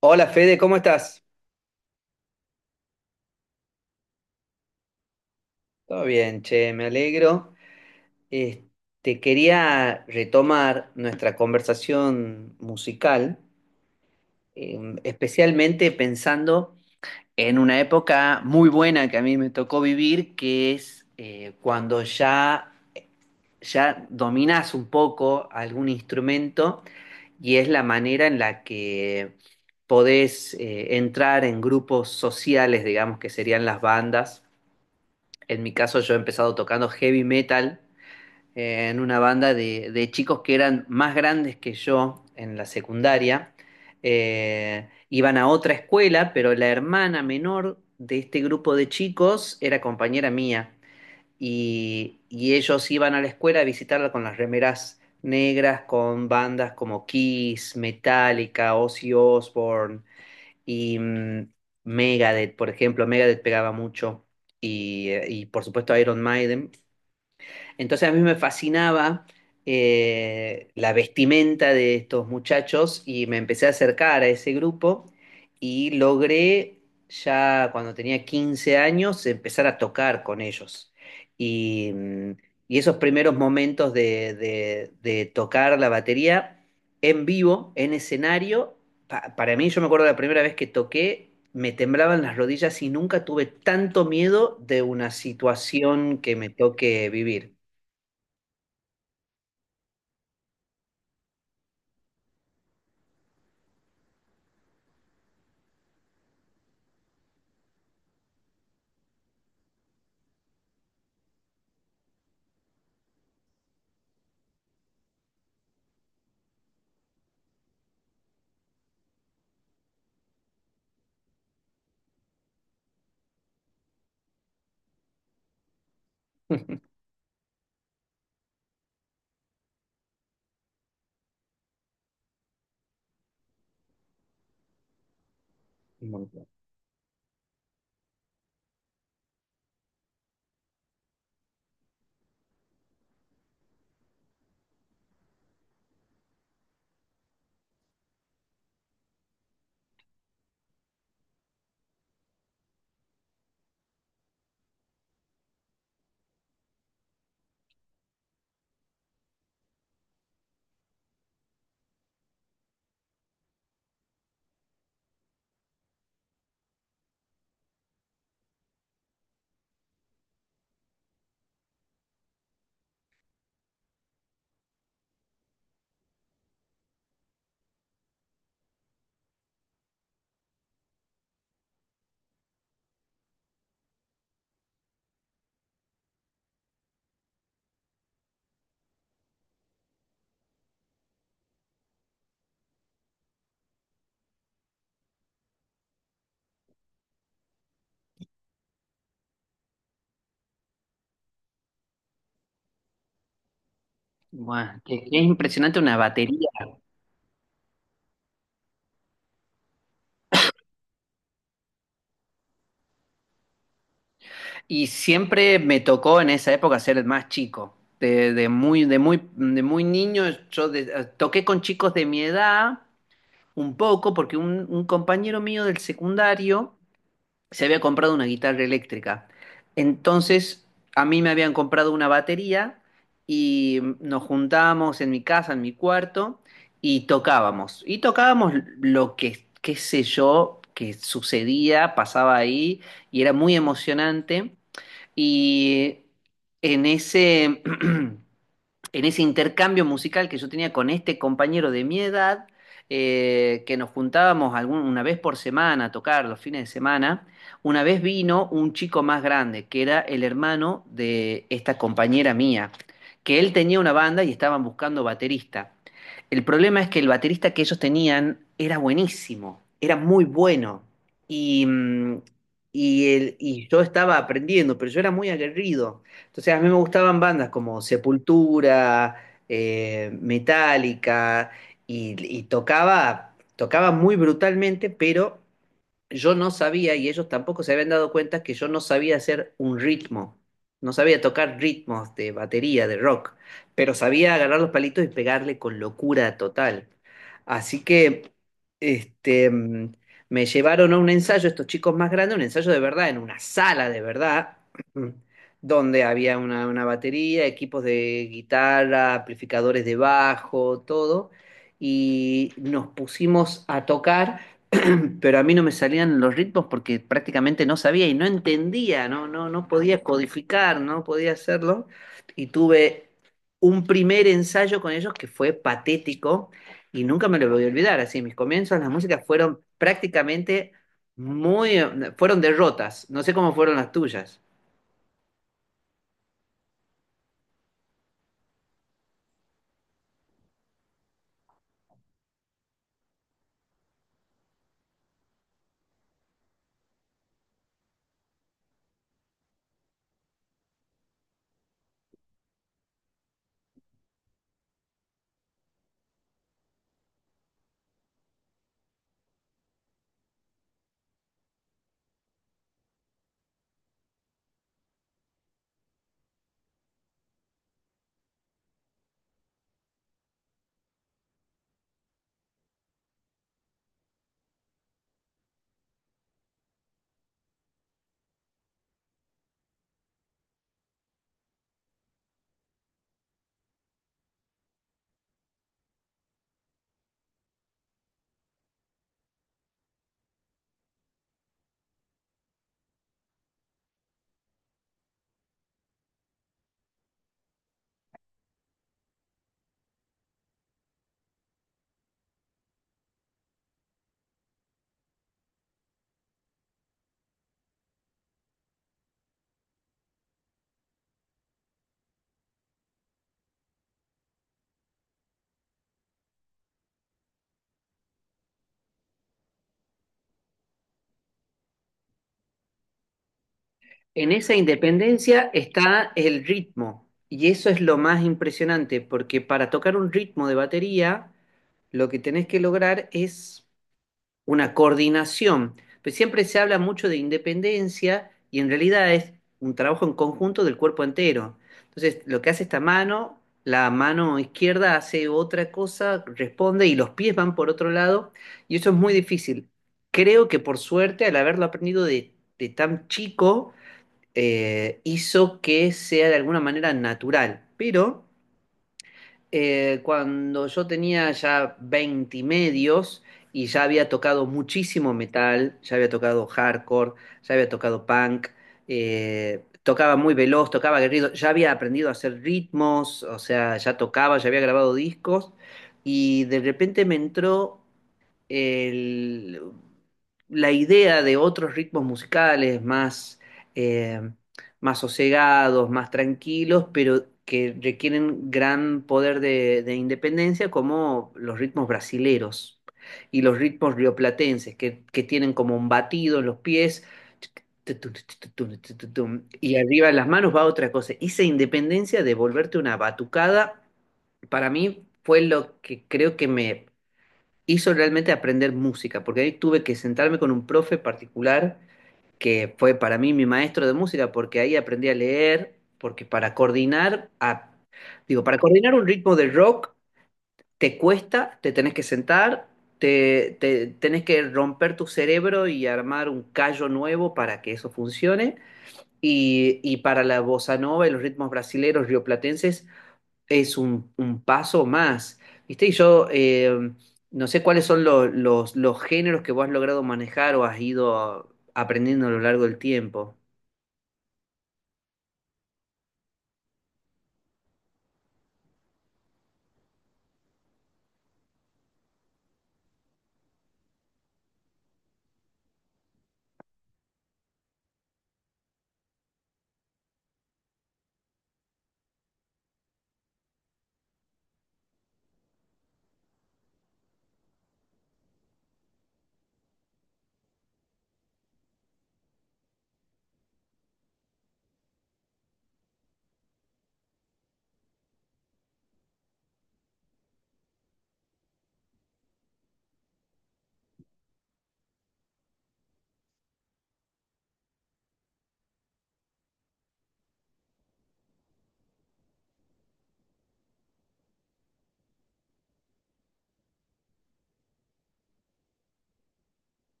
Hola Fede, ¿cómo estás? Todo bien, che, me alegro. Eh, Te quería retomar nuestra conversación musical, especialmente pensando en una época muy buena que a mí me tocó vivir, que es cuando ya dominás un poco algún instrumento y es la manera en la que podés entrar en grupos sociales, digamos que serían las bandas. En mi caso yo he empezado tocando heavy metal en una banda de chicos que eran más grandes que yo en la secundaria. Iban a otra escuela, pero la hermana menor de este grupo de chicos era compañera mía. Y ellos iban a la escuela a visitarla con las remeras negras, con bandas como Kiss, Metallica, Ozzy Osbourne, y mm, Megadeth, por ejemplo, Megadeth pegaba mucho. Y por supuesto Iron Maiden, entonces a mí me fascinaba la vestimenta de estos muchachos y me empecé a acercar a ese grupo y logré ya cuando tenía 15 años empezar a tocar con ellos. Y, mm, y esos primeros momentos de tocar la batería en vivo, en escenario, para mí yo me acuerdo la primera vez que toqué. Me temblaban las rodillas y nunca tuve tanto miedo de una situación que me toque vivir. Involucrado. Buah, qué impresionante una batería. Y siempre me tocó en esa época ser el más chico. De muy niño, toqué con chicos de mi edad un poco, porque un compañero mío del secundario se había comprado una guitarra eléctrica. Entonces, a mí me habían comprado una batería y nos juntábamos en mi casa, en mi cuarto, y tocábamos. Y tocábamos lo que, qué sé yo, que sucedía, pasaba ahí, y era muy emocionante. Y en ese... en ese intercambio musical que yo tenía con este compañero de mi edad, que nos juntábamos una vez por semana a tocar los fines de semana, una vez vino un chico más grande, que era el hermano de esta compañera mía, que él tenía una banda y estaban buscando baterista. El problema es que el baterista que ellos tenían era buenísimo, era muy bueno. Y, mm, y yo estaba aprendiendo, pero yo era muy aguerrido. Entonces a mí me gustaban bandas como Sepultura, Metallica, y tocaba muy brutalmente, pero yo no sabía y ellos tampoco se habían dado cuenta que yo no sabía hacer un ritmo, no sabía tocar ritmos de batería, de rock, pero sabía agarrar los palitos y pegarle con locura total. Así que este, mm, me llevaron a un ensayo, estos chicos más grandes, un ensayo de verdad, en una sala de verdad, donde había una batería, equipos de guitarra, amplificadores de bajo, todo, y nos pusimos a tocar, pero a mí no me salían los ritmos porque prácticamente no sabía y no entendía, no podía codificar, no podía hacerlo. Y tuve un primer ensayo con ellos que fue patético y nunca me lo voy a olvidar. Así, mis comienzos, las músicas fueron prácticamente muy, fueron derrotas. No sé cómo fueron las tuyas. En esa independencia está el ritmo y eso es lo más impresionante porque para tocar un ritmo de batería, lo que tenés que lograr es una coordinación. Pero siempre se habla mucho de independencia y en realidad es un trabajo en conjunto del cuerpo entero. Entonces, lo que hace esta mano, la mano izquierda hace otra cosa, responde y los pies van por otro lado y eso es muy difícil. Creo que por suerte, al haberlo aprendido de tan chico, hizo que sea de alguna manera natural, pero cuando yo tenía ya 20 y medios y ya había tocado muchísimo metal, ya había tocado hardcore, ya había tocado punk, tocaba muy veloz, tocaba aguerrido, ya había aprendido a hacer ritmos, o sea, ya tocaba, ya había grabado discos y de repente me entró el- la idea de otros ritmos musicales más, eh, más sosegados, más tranquilos, pero que requieren gran poder de independencia, como los ritmos brasileros y los ritmos rioplatenses, que tienen como un batido en los pies. Y arriba en las manos va otra cosa. Y esa independencia de volverte una batucada, para mí fue lo que creo que hizo realmente aprender música, porque ahí tuve que sentarme con un profe particular que fue para mí mi maestro de música, porque ahí aprendí a leer, porque para coordinar, digo, para coordinar un ritmo de rock te cuesta, te tenés que sentar, tenés que romper tu cerebro y armar un callo nuevo para que eso funcione. Y para la bossa nova y los ritmos brasileños rioplatenses es un paso más, ¿viste? Y yo no sé cuáles son los géneros que vos has logrado manejar o has ido aprendiendo a lo largo del tiempo.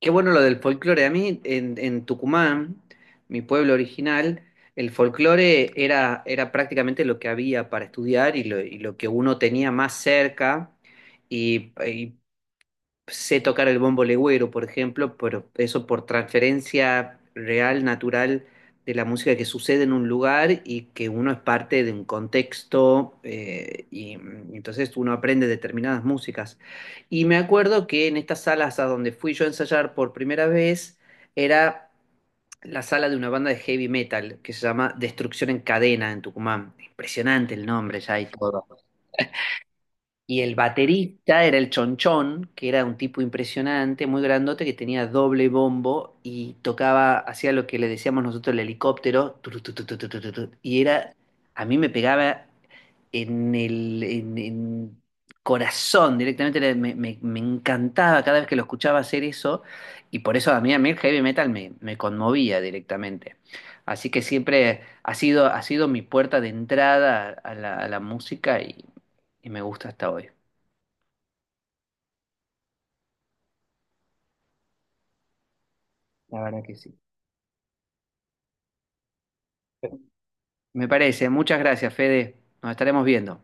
Qué bueno lo del folclore. A mí en Tucumán, mi pueblo original, el folclore era, era prácticamente lo que había para estudiar y lo que uno tenía más cerca. Y sé tocar el bombo legüero, por ejemplo, pero eso por transferencia real, natural de la música que sucede en un lugar y que uno es parte de un contexto entonces uno aprende determinadas músicas. Y me acuerdo que en estas salas a donde fui yo a ensayar por primera vez era la sala de una banda de heavy metal que se llama Destrucción en Cadena en Tucumán. Impresionante el nombre ya y todo. Y el baterista era el Chonchón, que era un tipo impresionante, muy grandote, que tenía doble bombo y tocaba, hacía lo que le decíamos nosotros el helicóptero, turu, tu, tu, tu, tu, tu, tu, tu. Y era, a mí me pegaba en corazón directamente, me encantaba cada vez que lo escuchaba hacer eso, y por eso a mí el heavy metal me conmovía directamente. Así que siempre ha sido mi puerta de entrada a la música y me gusta hasta hoy. La verdad que sí. Me parece. Muchas gracias, Fede. Nos estaremos viendo.